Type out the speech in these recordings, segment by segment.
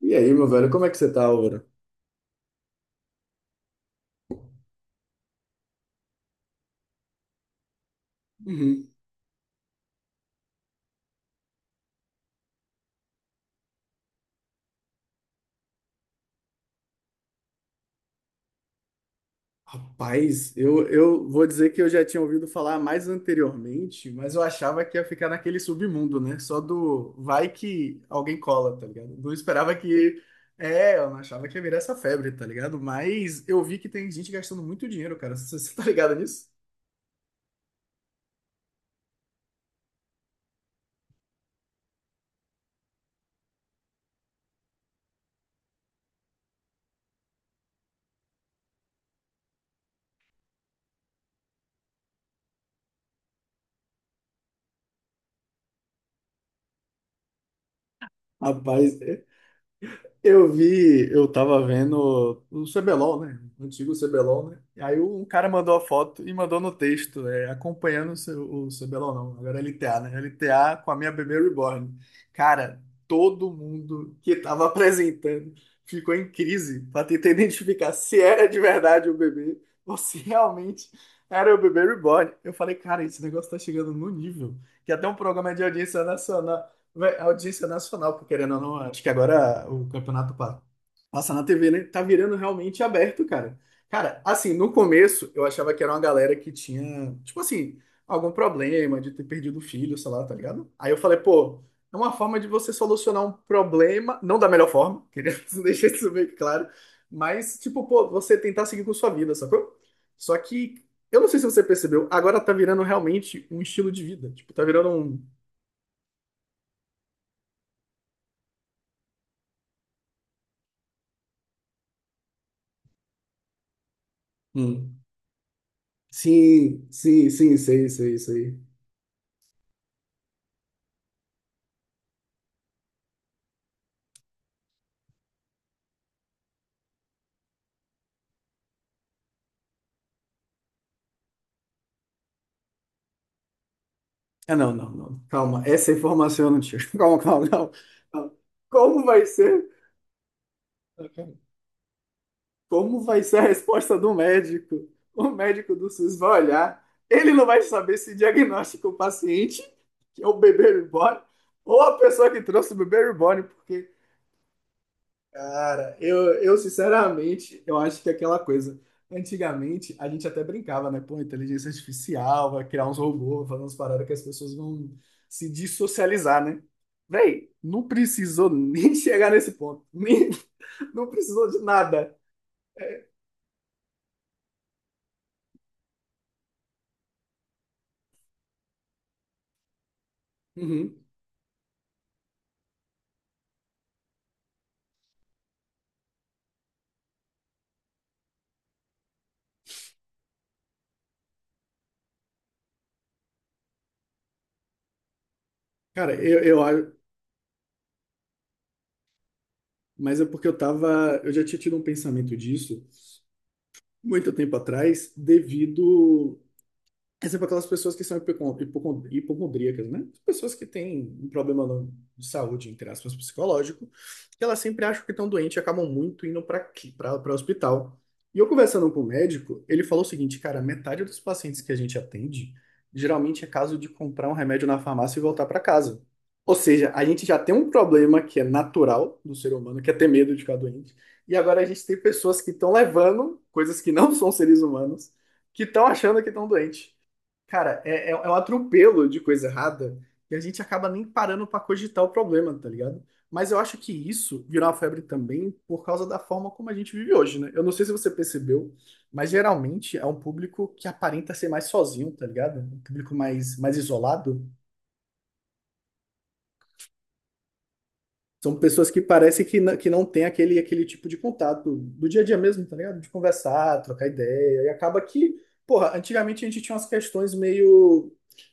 E aí, meu velho, como é que você tá, Aura? Uhum. Rapaz, eu vou dizer que eu já tinha ouvido falar mais anteriormente, mas eu achava que ia ficar naquele submundo, né? Só do vai que alguém cola, tá ligado? Não esperava que. É, eu não achava que ia virar essa febre, tá ligado? Mas eu vi que tem gente gastando muito dinheiro, cara. Você tá ligado nisso? Rapaz. Eu vi, eu tava vendo o CBLOL, né? O antigo CBLOL, né? E aí um cara mandou a foto e mandou no texto, é, acompanhando o, o CBLOL, não, agora é LTA, né? LTA com a minha bebê reborn. Cara, todo mundo que tava apresentando ficou em crise pra tentar identificar se era de verdade o bebê ou se realmente era o bebê reborn. Eu falei, cara, esse negócio tá chegando no nível que até um programa de audiência nacional. Vé, audiência nacional, porque querendo ou não, acho que agora o campeonato passa na TV, né? Tá virando realmente aberto, cara. Cara, assim, no começo eu achava que era uma galera que tinha, tipo assim, algum problema de ter perdido o filho, sei lá, tá ligado? Aí eu falei, pô, é uma forma de você solucionar um problema, não da melhor forma, queria deixar isso bem claro, mas, tipo, pô, você tentar seguir com sua vida, sacou? Só que, eu não sei se você percebeu, agora tá virando realmente um estilo de vida, tipo, tá virando um. Sim, sim, sim, sei, sei, sei. Ah, não, não, não. Calma, essa é informação eu não tinha. Calma, calma, calma. Calma. Como vai ser? Como vai ser a resposta do médico? O médico do SUS vai olhar, ele não vai saber se diagnostica o paciente, que é o bebê reborn, ou a pessoa que trouxe o bebê reborn, porque cara, eu sinceramente, eu acho que é aquela coisa. Antigamente, a gente até brincava, né? Pô, inteligência artificial, vai criar uns robôs, vai fazer umas paradas que as pessoas vão se dissocializar, né? Véi, não precisou nem chegar nesse ponto. Nem, não precisou de nada. Uhum. Cara, eu acho. Mas é porque eu tava. Eu já tinha tido um pensamento disso muito tempo atrás, devido É sempre aquelas pessoas que são hipocondríacas, né? Pessoas que têm um problema de saúde, entre aspas, psicológico, que elas sempre acham que estão doentes e acabam muito indo para para hospital. E eu conversando com o médico, ele falou o seguinte, cara, metade dos pacientes que a gente atende, geralmente é caso de comprar um remédio na farmácia e voltar para casa. Ou seja, a gente já tem um problema que é natural do ser humano, que é ter medo de ficar doente. E agora a gente tem pessoas que estão levando coisas que não são seres humanos, que estão achando que estão doentes. Cara, é, é um atropelo de coisa errada e a gente acaba nem parando pra cogitar o problema, tá ligado? Mas eu acho que isso virou uma febre também por causa da forma como a gente vive hoje, né? Eu não sei se você percebeu, mas geralmente é um público que aparenta ser mais sozinho, tá ligado? Um público mais, mais isolado. São pessoas que parece que, que não tem aquele, aquele tipo de contato do dia a dia mesmo, tá ligado? De conversar, trocar ideia. E acaba que, porra, antigamente a gente tinha umas questões meio,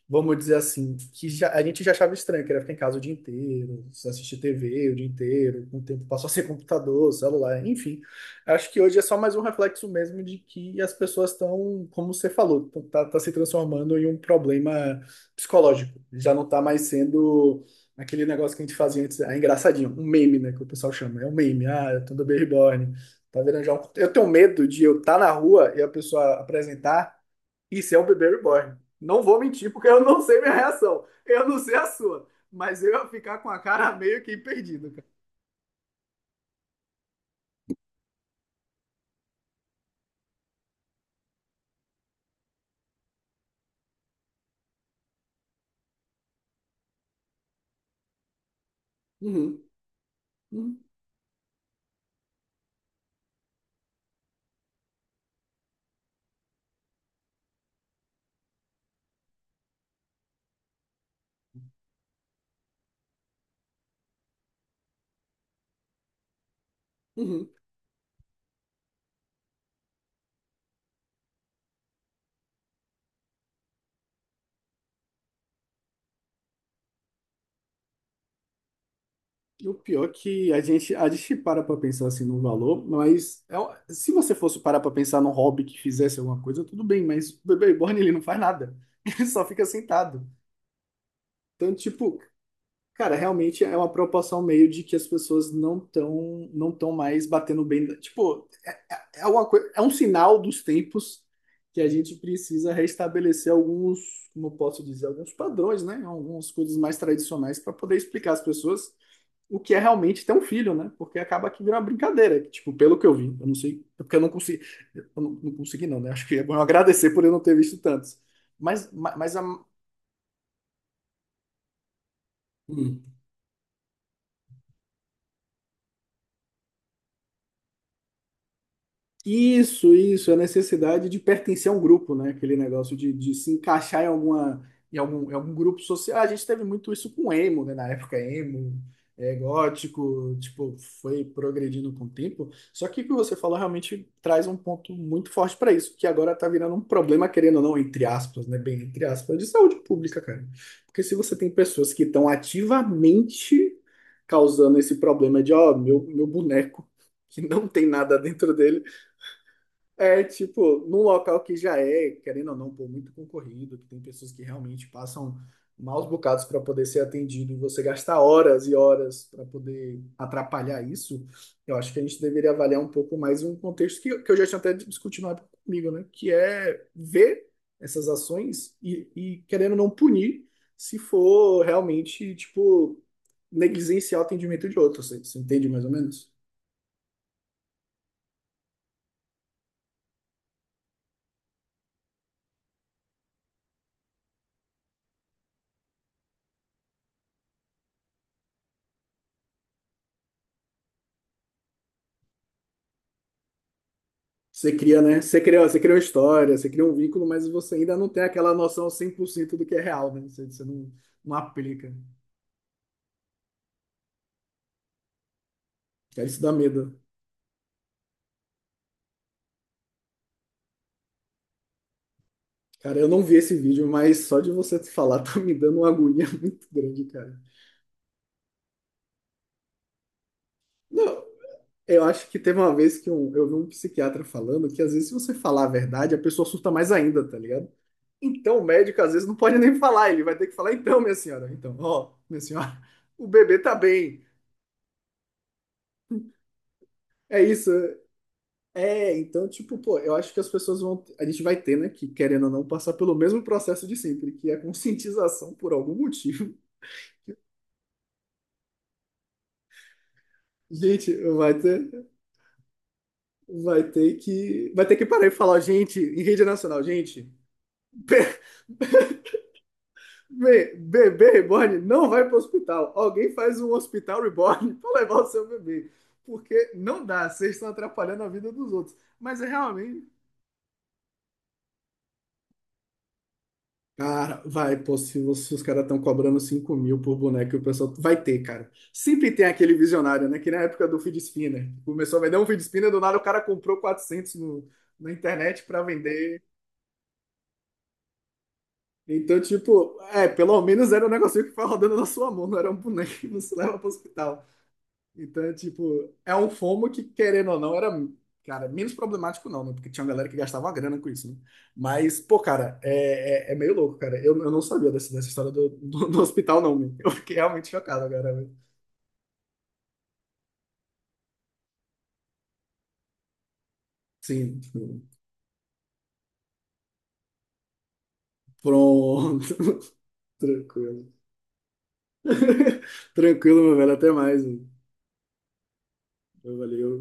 vamos dizer assim, que a gente já achava estranho, que era ficar em casa o dia inteiro, só assistir TV o dia inteiro, com o tempo passou a ser computador, celular, enfim. Acho que hoje é só mais um reflexo mesmo de que as pessoas estão, como você falou, tá, tá se transformando em um problema psicológico. Já não tá mais sendo. Aquele negócio que a gente fazia antes, é engraçadinho, um meme, né, que o pessoal chama, é um meme, ah, eu tô do Baby tá virando já um... Eu tenho medo de eu estar na rua e a pessoa apresentar, isso é um bebê reborn. Não vou mentir, porque eu não sei minha reação, eu não sei a sua, mas eu ia ficar com a cara meio que perdido, cara. Uhum, uhum, uhum. E o pior é que a gente para pra pensar assim no valor, mas é se você fosse parar pra pensar num hobby que fizesse alguma coisa, tudo bem, mas o bebê reborn ele não faz nada, ele só fica sentado. Então, tipo, cara, realmente é uma preocupação meio de que as pessoas não estão não tão mais batendo bem. Tipo, é, é uma é um sinal dos tempos que a gente precisa restabelecer alguns, como eu posso dizer, alguns padrões, né? Algumas coisas mais tradicionais para poder explicar às pessoas o que é realmente ter um filho, né? Porque acaba que vira uma brincadeira, que, tipo, pelo que eu vi, eu não sei, é porque eu não consegui, eu não consegui não, né? Acho que é bom eu agradecer por eu não ter visto tantos. Mas, mas a, hum, isso, isso, a necessidade de pertencer a um grupo, né? Aquele negócio de se encaixar em alguma, em algum grupo social. A gente teve muito isso com emo, né? Na época, emo, é, gótico, tipo, foi progredindo com o tempo. Só que o que você falou realmente traz um ponto muito forte para isso, que agora tá virando um problema, querendo ou não, entre aspas, né? Bem, entre aspas, de saúde pública, cara. Porque se você tem pessoas que estão ativamente causando esse problema de, ó, meu boneco. Que não tem nada dentro dele, é, tipo, num local que já é, querendo ou não, pô, muito concorrido, que tem pessoas que realmente passam maus bocados para poder ser atendido e você gastar horas e horas para poder atrapalhar isso, eu acho que a gente deveria avaliar um pouco mais um contexto que eu já tinha até discutido na época comigo, né? Que é ver essas ações e querendo ou não punir se for realmente, tipo, negligenciar o atendimento de outros. Você entende mais ou menos? Você cria, né? Você cria uma história, você cria um vínculo, mas você ainda não tem aquela noção 100% do que é real, né? Você não, não aplica. Cara, isso dá medo. Cara, eu não vi esse vídeo, mas só de você falar tá me dando uma agonia muito grande, cara. Não, eu acho que teve uma vez que um, eu vi um psiquiatra falando que às vezes se você falar a verdade, a pessoa surta mais ainda, tá ligado? Então o médico às vezes não pode nem falar, ele vai ter que falar, então, minha senhora, então, ó, minha senhora, o bebê tá bem. É isso. É, então, tipo, pô, eu acho que as pessoas vão. A gente vai ter, né, que querendo ou não, passar pelo mesmo processo de sempre, que é a conscientização por algum motivo. Gente, vai ter que. Vai ter que parar e falar, gente, em rede nacional, gente, be- bebê reborn não vai para o hospital. Alguém faz um hospital reborn para levar o seu bebê. Porque não dá, vocês estão atrapalhando a vida dos outros. Mas é realmente. Cara, vai, pô, se, os se os caras estão cobrando 5 mil por boneco, o pessoal vai ter, cara. Sempre tem aquele visionário, né? Que na época do feed spinner. Né? Começou a vender um feed spinner, do nada o cara comprou 400 no, na internet pra vender. Então, tipo, é, pelo menos era um negocinho que foi rodando na sua mão, não era um boneco que não se leva pro hospital. Então, é tipo, é um FOMO que, querendo ou não, era, cara, menos problemático não, né? Porque tinha uma galera que gastava uma grana com isso, né? Mas, pô, cara, é meio louco, cara. Eu não sabia dessa, dessa história do, do, do hospital, não, meu. Eu fiquei realmente chocado agora, velho. Sim, tipo, pronto. Tranquilo. Tranquilo, meu velho. Até mais, mano. Valeu.